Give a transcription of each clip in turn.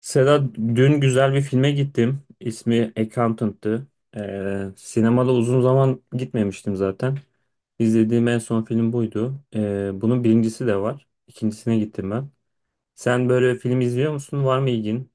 Seda dün güzel bir filme gittim. İsmi Accountant'tı. Sinemada uzun zaman gitmemiştim zaten. İzlediğim en son film buydu. Bunun birincisi de var. İkincisine gittim ben. Sen böyle film izliyor musun? Var mı ilgin?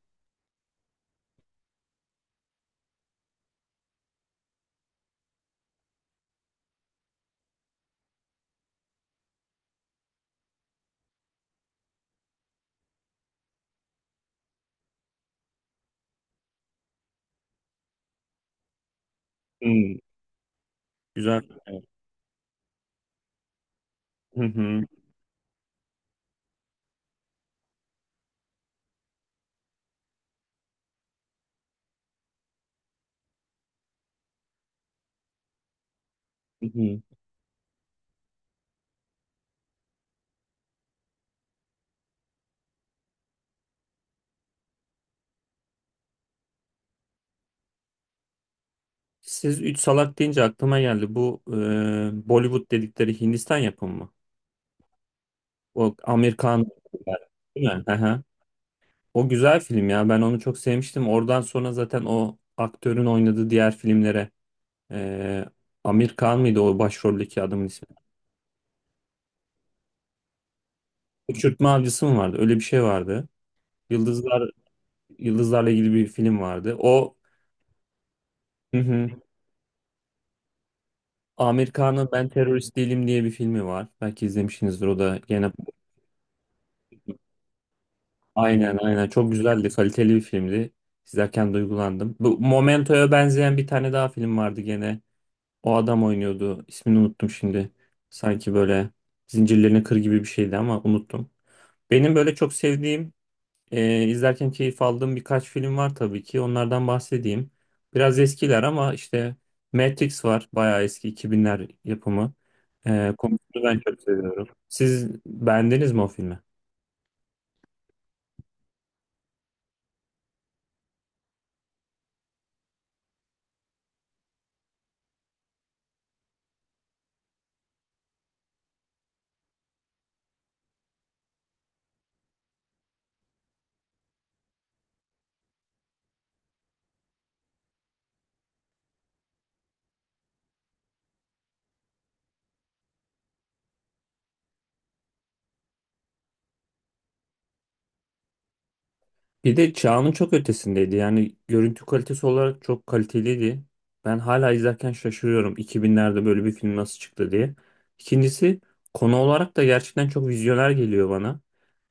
Hmm. Güzel. Evet. Hı hı, hı hı. Siz Üç Salak deyince aklıma geldi. Bu Bollywood dedikleri Hindistan yapımı mı? O Amerikan değil mi? O güzel film ya. Ben onu çok sevmiştim. Oradan sonra zaten o aktörün oynadığı diğer filmlere eee Amir Khan mıydı o başroldeki adamın ismi? Uçurtma Avcısı mı vardı? Öyle bir şey vardı. Yıldızlar, yıldızlarla ilgili bir film vardı. O, hı hı. Amir Khan'ın Ben Terörist Değilim diye bir filmi var. Belki izlemişsinizdir. O da gene aynen, aynen, çok güzeldi. Kaliteli bir filmdi. İzlerken duygulandım. Bu Momento'ya benzeyen bir tane daha film vardı gene. O adam oynuyordu. İsmini unuttum şimdi. Sanki böyle zincirlerine kır gibi bir şeydi ama unuttum. Benim böyle çok sevdiğim, izlerken keyif aldığım birkaç film var tabii ki. Onlardan bahsedeyim. Biraz eskiler ama işte Matrix var. Bayağı eski 2000'ler yapımı. Konusunu ben çok seviyorum. Siz beğendiniz mi o filmi? Bir de çağının çok ötesindeydi. Yani görüntü kalitesi olarak çok kaliteliydi. Ben hala izlerken şaşırıyorum 2000'lerde böyle bir film nasıl çıktı diye. İkincisi, konu olarak da gerçekten çok vizyoner geliyor bana.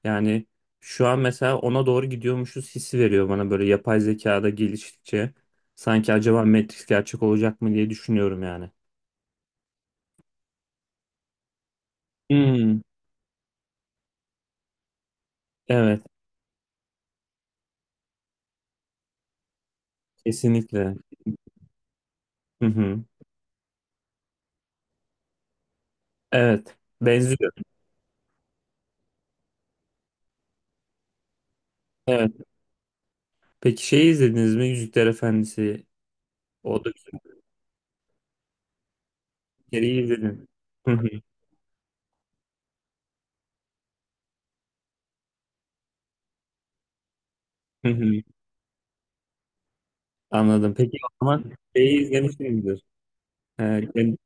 Yani şu an mesela ona doğru gidiyormuşuz hissi veriyor bana böyle yapay zekada geliştikçe. Sanki acaba Matrix gerçek olacak mı diye düşünüyorum yani. Hmm, evet, kesinlikle. Hı hı. Evet, benziyor. Evet. Peki şeyi izlediniz mi? Yüzükler Efendisi. O da güzel. Seriyi izledim. Hı hı, hı hı. Anladım. Peki o zaman şeyi izlemişsinizdir. Ee, gen-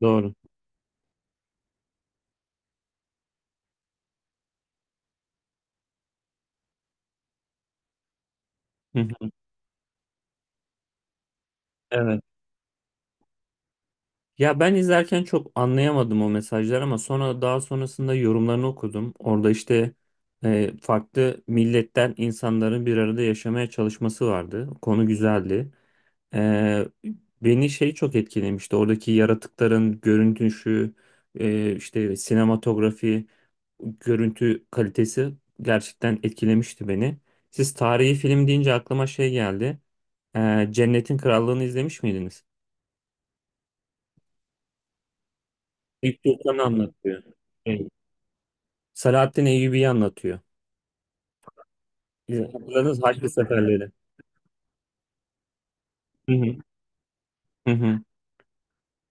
doğru. Hı hı. Evet. Ya ben izlerken çok anlayamadım o mesajları ama sonra daha sonrasında yorumlarını okudum. Orada işte farklı milletten insanların bir arada yaşamaya çalışması vardı. Konu güzeldi. Ee, Beni şey çok etkilemişti. Oradaki yaratıkların görüntüsü, işte sinematografi, görüntü kalitesi gerçekten etkilemişti beni. Siz tarihi film deyince aklıma şey geldi. Cennetin Krallığı'nı izlemiş miydiniz? İlk Sultan'ı anlatıyor. Evet. Selahattin Eyyubi'yi anlatıyor. Hatırladınız Haçlı Seferleri. Hı hı. Hı hı.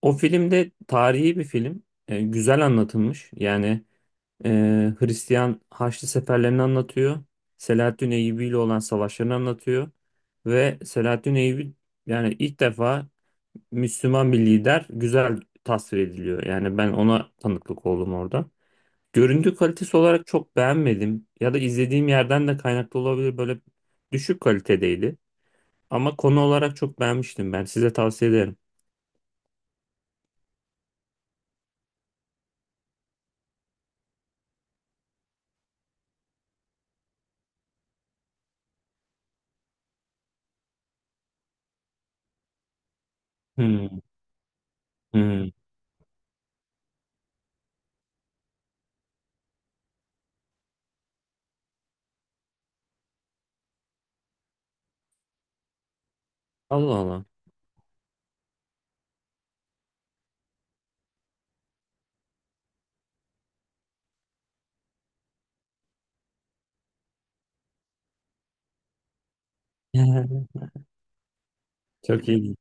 O filmde tarihi bir film. Güzel anlatılmış. Yani e, Hristiyan Haçlı Seferlerini anlatıyor. Selahattin Eyyubi ile olan savaşlarını anlatıyor. Ve Selahattin Eyyubi, yani ilk defa Müslüman bir lider güzel tasvir ediliyor. Yani ben ona tanıklık oldum orada. Görüntü kalitesi olarak çok beğenmedim ya da izlediğim yerden de kaynaklı olabilir, böyle düşük kalitedeydi. Ama konu olarak çok beğenmiştim ben. Size tavsiye ederim. Hmm, hmm. Allah Allah. Çok iyi.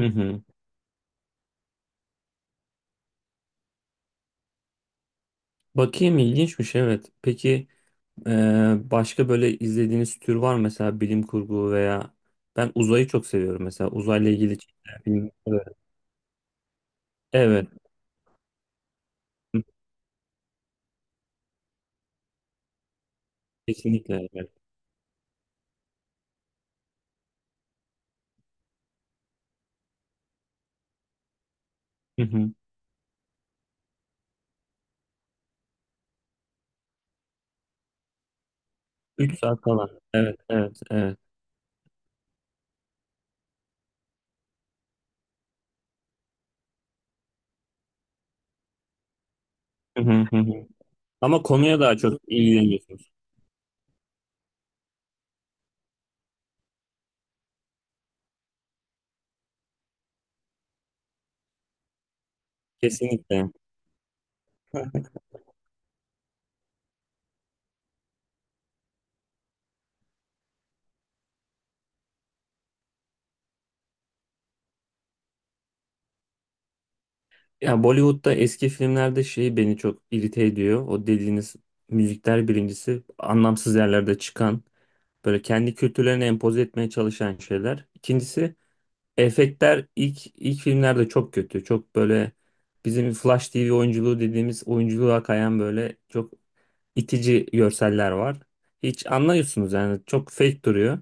Hı hı. Bakayım, ilginçmiş, evet. Peki, başka böyle izlediğiniz tür var mı? Mesela bilim kurgu veya ben uzayı çok seviyorum, mesela uzayla ilgili çekilen filmler. Evet. Evet. Hı, kesinlikle, evet. Hı hı. 3 saat falan. Evet, evet, evet. Hı hı, hı hı. Ama konuya daha çok ilgileniyorsunuz. Kesinlikle. Ya Bollywood'da eski filmlerde şey beni çok irite ediyor. O dediğiniz müzikler, birincisi anlamsız yerlerde çıkan böyle kendi kültürlerini empoze etmeye çalışan şeyler. İkincisi efektler ilk filmlerde çok kötü. Çok böyle bizim Flash TV oyunculuğu dediğimiz oyunculuğa kayan böyle çok itici görseller var. Hiç anlıyorsunuz yani, çok fake duruyor.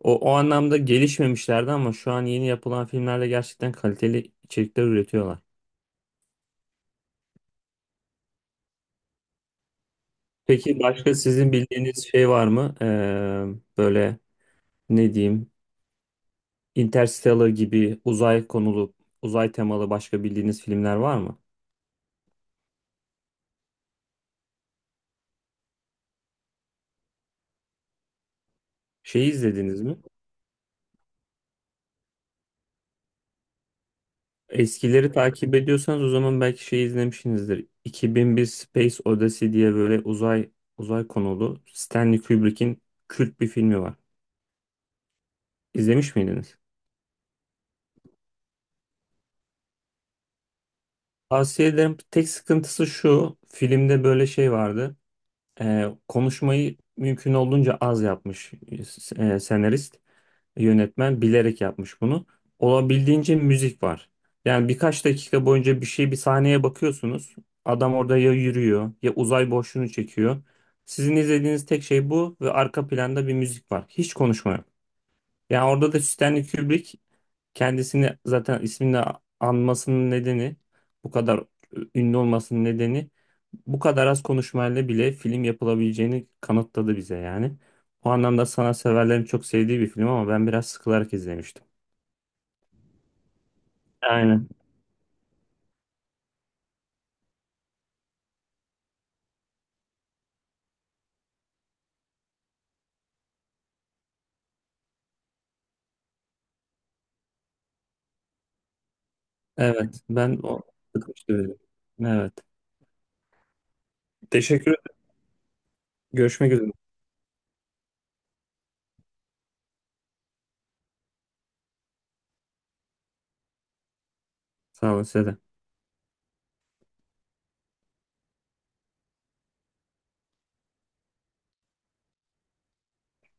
O anlamda gelişmemişlerdi ama şu an yeni yapılan filmlerde gerçekten kaliteli içerikler üretiyorlar. Peki başka sizin bildiğiniz şey var mı? Böyle, ne diyeyim, Interstellar gibi uzay konulu, uzay temalı başka bildiğiniz filmler var mı? Şeyi izlediniz mi? Eskileri takip ediyorsanız o zaman belki şey izlemişsinizdir. 2001 Space Odyssey diye böyle uzay konulu Stanley Kubrick'in kült bir filmi var. İzlemiş miydiniz? Tavsiye ederim. Tek sıkıntısı şu. Filmde böyle şey vardı. Konuşmayı mümkün olduğunca az yapmış senarist, yönetmen bilerek yapmış bunu. Olabildiğince müzik var. Yani birkaç dakika boyunca bir şey, bir sahneye bakıyorsunuz. Adam orada ya yürüyor ya uzay boşluğunu çekiyor. Sizin izlediğiniz tek şey bu ve arka planda bir müzik var. Hiç konuşma yok. Yani orada da Stanley Kubrick kendisini, zaten ismini anmasının nedeni, bu kadar ünlü olmasının nedeni, bu kadar az konuşmayla bile film yapılabileceğini kanıtladı bize yani. O anlamda sanatseverlerin çok sevdiği bir film ama ben biraz sıkılarak izlemiştim. Aynen. Evet. Ben o sıkmıştı beni. Evet. Teşekkür ederim. Görüşmek üzere. Sağ olun, size de.